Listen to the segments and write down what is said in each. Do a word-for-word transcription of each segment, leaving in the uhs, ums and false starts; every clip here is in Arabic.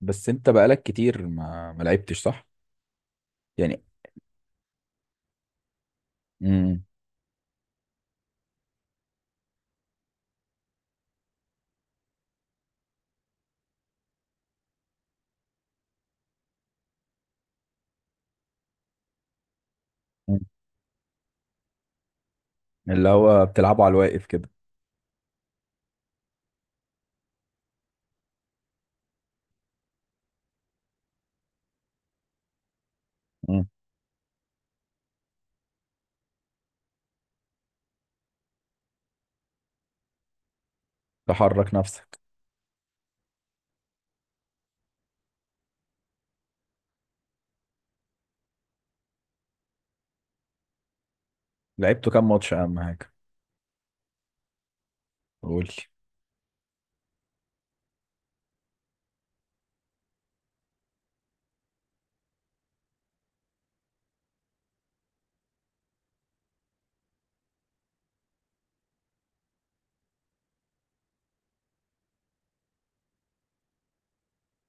بس انت بقالك كتير ما ما لعبتش، صح؟ يعني، مم. مم. اللي هو بتلعبه على الواقف كده. مم. تحرك نفسك. لعبته كام ماتش؟ اهم حاجه قول لي.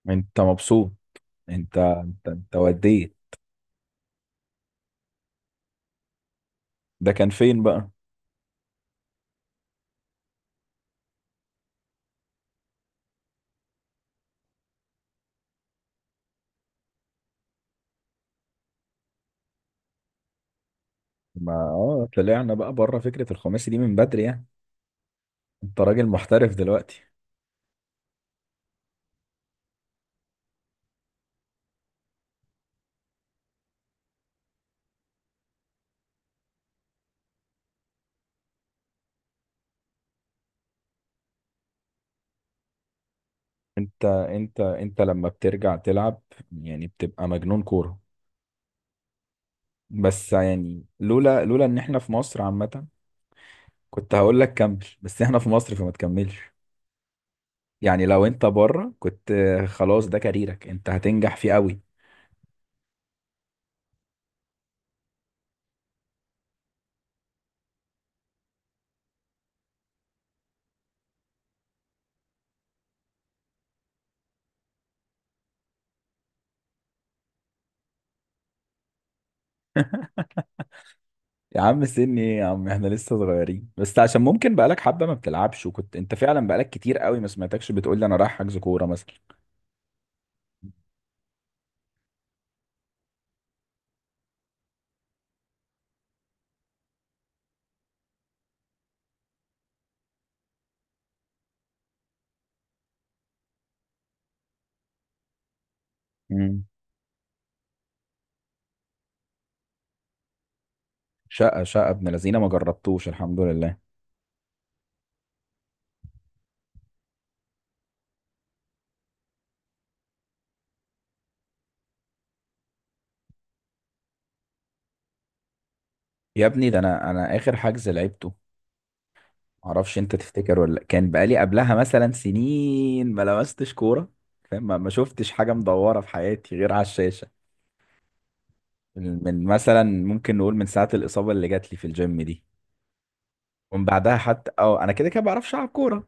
انت مبسوط؟ انت انت انت وديت. ده كان فين بقى؟ ما اه طلعنا بقى بره، فكره الخماسي دي من بدري يعني. انت راجل محترف دلوقتي. انت انت انت لما بترجع تلعب، يعني بتبقى مجنون كوره. بس يعني، لولا لولا ان احنا في مصر عامه، كنت هقول لك كمل، بس احنا في مصر فما تكملش. يعني لو انت بره، كنت خلاص ده كاريرك، انت هتنجح فيه قوي. يا عم سني ايه يا عم؟ احنا لسه صغيرين، بس عشان ممكن بقالك حبة ما بتلعبش، وكنت انت فعلا بقالك كتير قوي ما سمعتكش بتقول لي انا رايح حجز كورة مثلا. مم. شقة شقة ابن لذينه ما جربتوش، الحمد لله. يا ابني، ده انا انا اخر حجز لعبته، معرفش انت تفتكر ولا لأ. كان بقالي قبلها مثلا سنين ما لمستش كورة، فاهم، ما ما شفتش حاجة مدورة في حياتي غير على الشاشة. من من مثلا، ممكن نقول من ساعة الإصابة اللي جات لي في الجيم دي. ومن بعدها حتى، اه انا كده كده بعرفش العب كوره.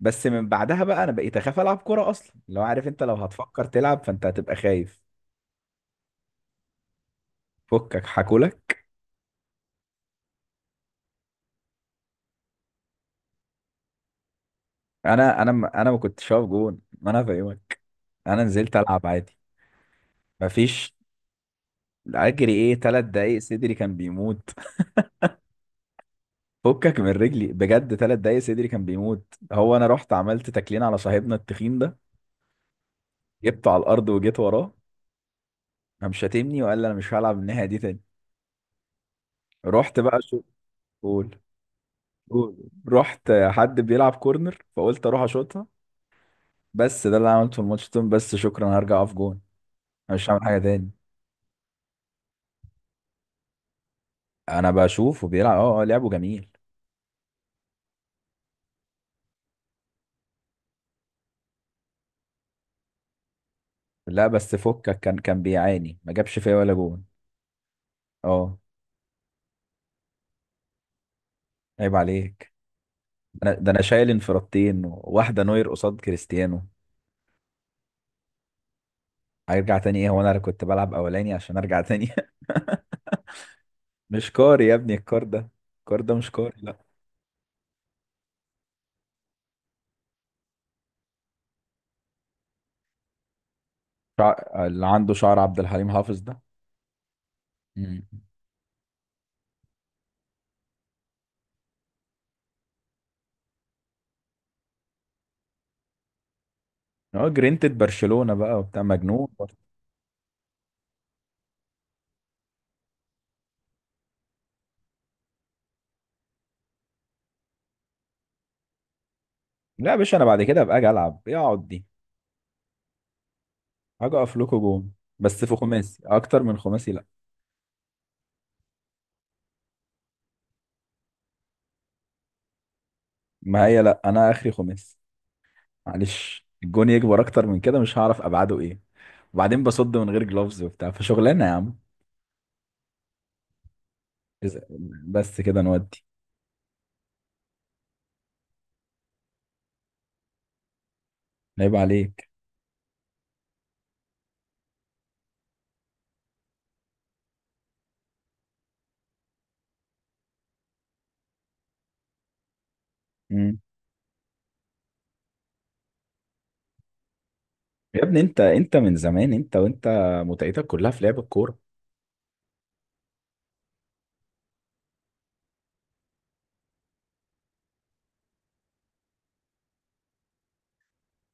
بس من بعدها بقى، انا بقيت اخاف العب كوره اصلا. لو عارف انت، لو هتفكر تلعب، فانت هتبقى خايف. فكك حكولك. انا انا ما- انا ما كنتش هقف جون، ما انا فاهمك. انا نزلت العب عادي. مفيش، اجري ايه؟ ثلاث دقايق صدري كان بيموت. فكك من رجلي بجد، ثلاث دقايق صدري كان بيموت. هو انا رحت عملت تكلين على صاحبنا التخين ده، جبته على الارض وجيت وراه. قام شاتمني وقال لي انا مش هلعب الناحيه دي تاني. رحت بقى، شو؟ قول. جول. رحت حد بيلعب كورنر، فقلت اروح اشوطها. بس ده اللي أنا عملته في الماتش ده، بس شكرا، أنا هرجع اقف جون، أنا مش هعمل حاجه تاني. انا بشوف، وبيلعب، اه اه لعبه جميل. لا بس فكك، كان كان بيعاني، ما جابش فيا ولا جون. اه، عيب عليك. ده انا ده انا شايل انفرادتين، واحده نوير قصاد كريستيانو. هيرجع تاني ايه؟ هو انا كنت بلعب اولاني عشان ارجع تاني؟ مش كاري يا ابني الكار ده، الكار ده مش كاري، لا. شع... اللي عنده شعر عبد الحليم حافظ ده. مم. اه، جرينتد برشلونة بقى وبتاع، مجنون برضه. لا يا باشا، انا بعد كده ابقى اجي العب إيه اقعد دي؟ هاجي اقف لكم جون. بس في خماسي اكتر من خماسي، لا. ما هي لا، انا اخري خماسي. معلش، الجون يكبر اكتر من كده مش هعرف ابعاده ايه. وبعدين بصد من غير جلوفز وبتاع، فشغلانه يا عم. إز- بس كده نودي. عيب عليك. مم. يا ابني، انت انت من زمان، انت وانت متعتك كلها في لعب الكوره.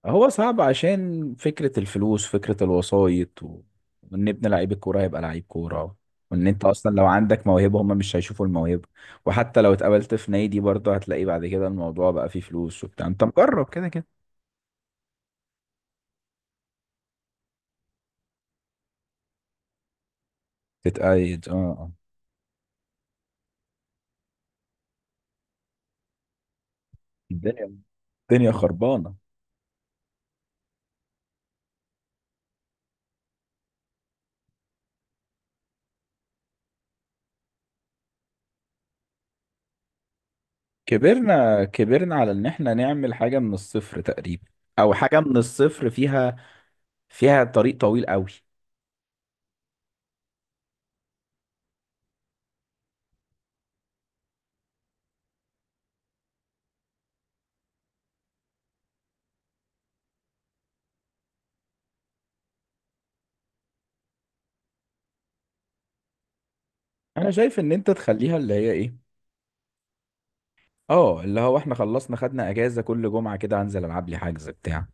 هو صعب عشان فكرة الفلوس، فكرة الوسايط و... وان ابن لعيب الكورة هيبقى لعيب كورة، وان انت اصلا لو عندك موهبة هم مش هيشوفوا الموهبة، وحتى لو اتقابلت في نادي برضه هتلاقي بعد كده الموضوع بقى فيه فلوس وبتاع، انت مجرب كده كده. تتقيد، اه، آه. الدنيا الدنيا خربانة. كبرنا كبرنا على ان احنا نعمل حاجة من الصفر تقريبا، او حاجة من الصفر فيها، فيها طريق طويل قوي. انا شايف ان انت تخليها اللي هي ايه، اه اللي هو احنا خلصنا، خدنا اجازه، كل جمعه كده هنزل العب لي حجز بتاع.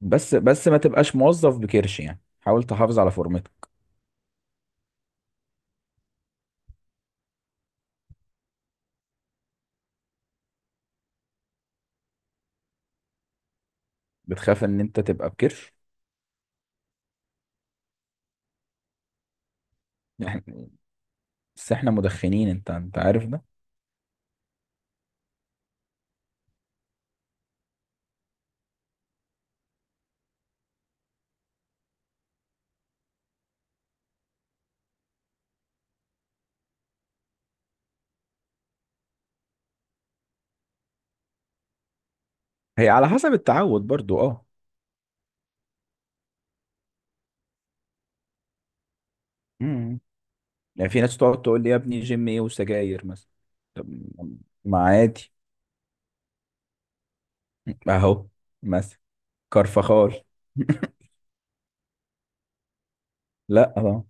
بس بس ما تبقاش موظف بكرش، يعني حاول تحافظ على فورمتك. بتخاف ان انت تبقى بكرش؟ يعني، بس احنا مدخنين، انت انت عارف ده. هي على حسب التعود برضو، اه. امم يعني في ناس تقعد تقول لي يا ابني جيم ايه وسجاير مثلا. ما عادي. اهو، مثلا، كرفخال. لا، اه.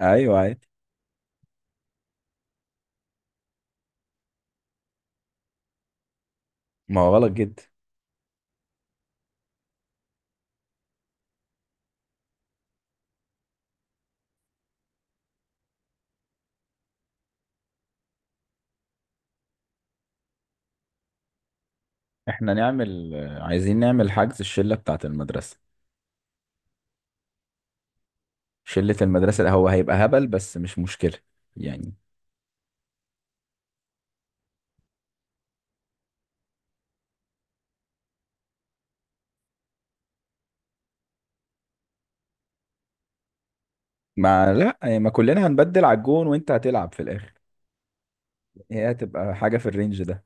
ايوه عادي. ما هو غلط جدا. احنا نعمل، عايزين نعمل حجز الشله بتاعت المدرسه. شلة المدرسة هو هيبقى هبل، بس مش مشكلة يعني. ما لا، يعني ما كلنا هنبدل على الجون، وانت هتلعب في الاخر. هي هتبقى حاجة في الرينج ده.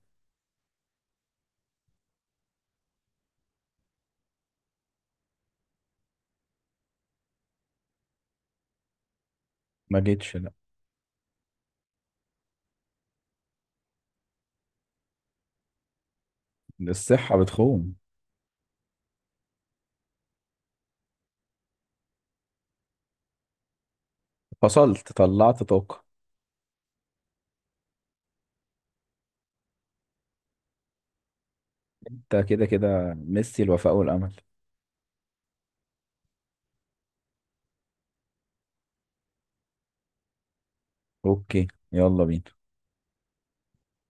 ما جيتش، لا. الصحة بتخون. فصلت، طلعت طاقة. انت كده كده ميسي الوفاء والأمل. اوكي، يلا بينا.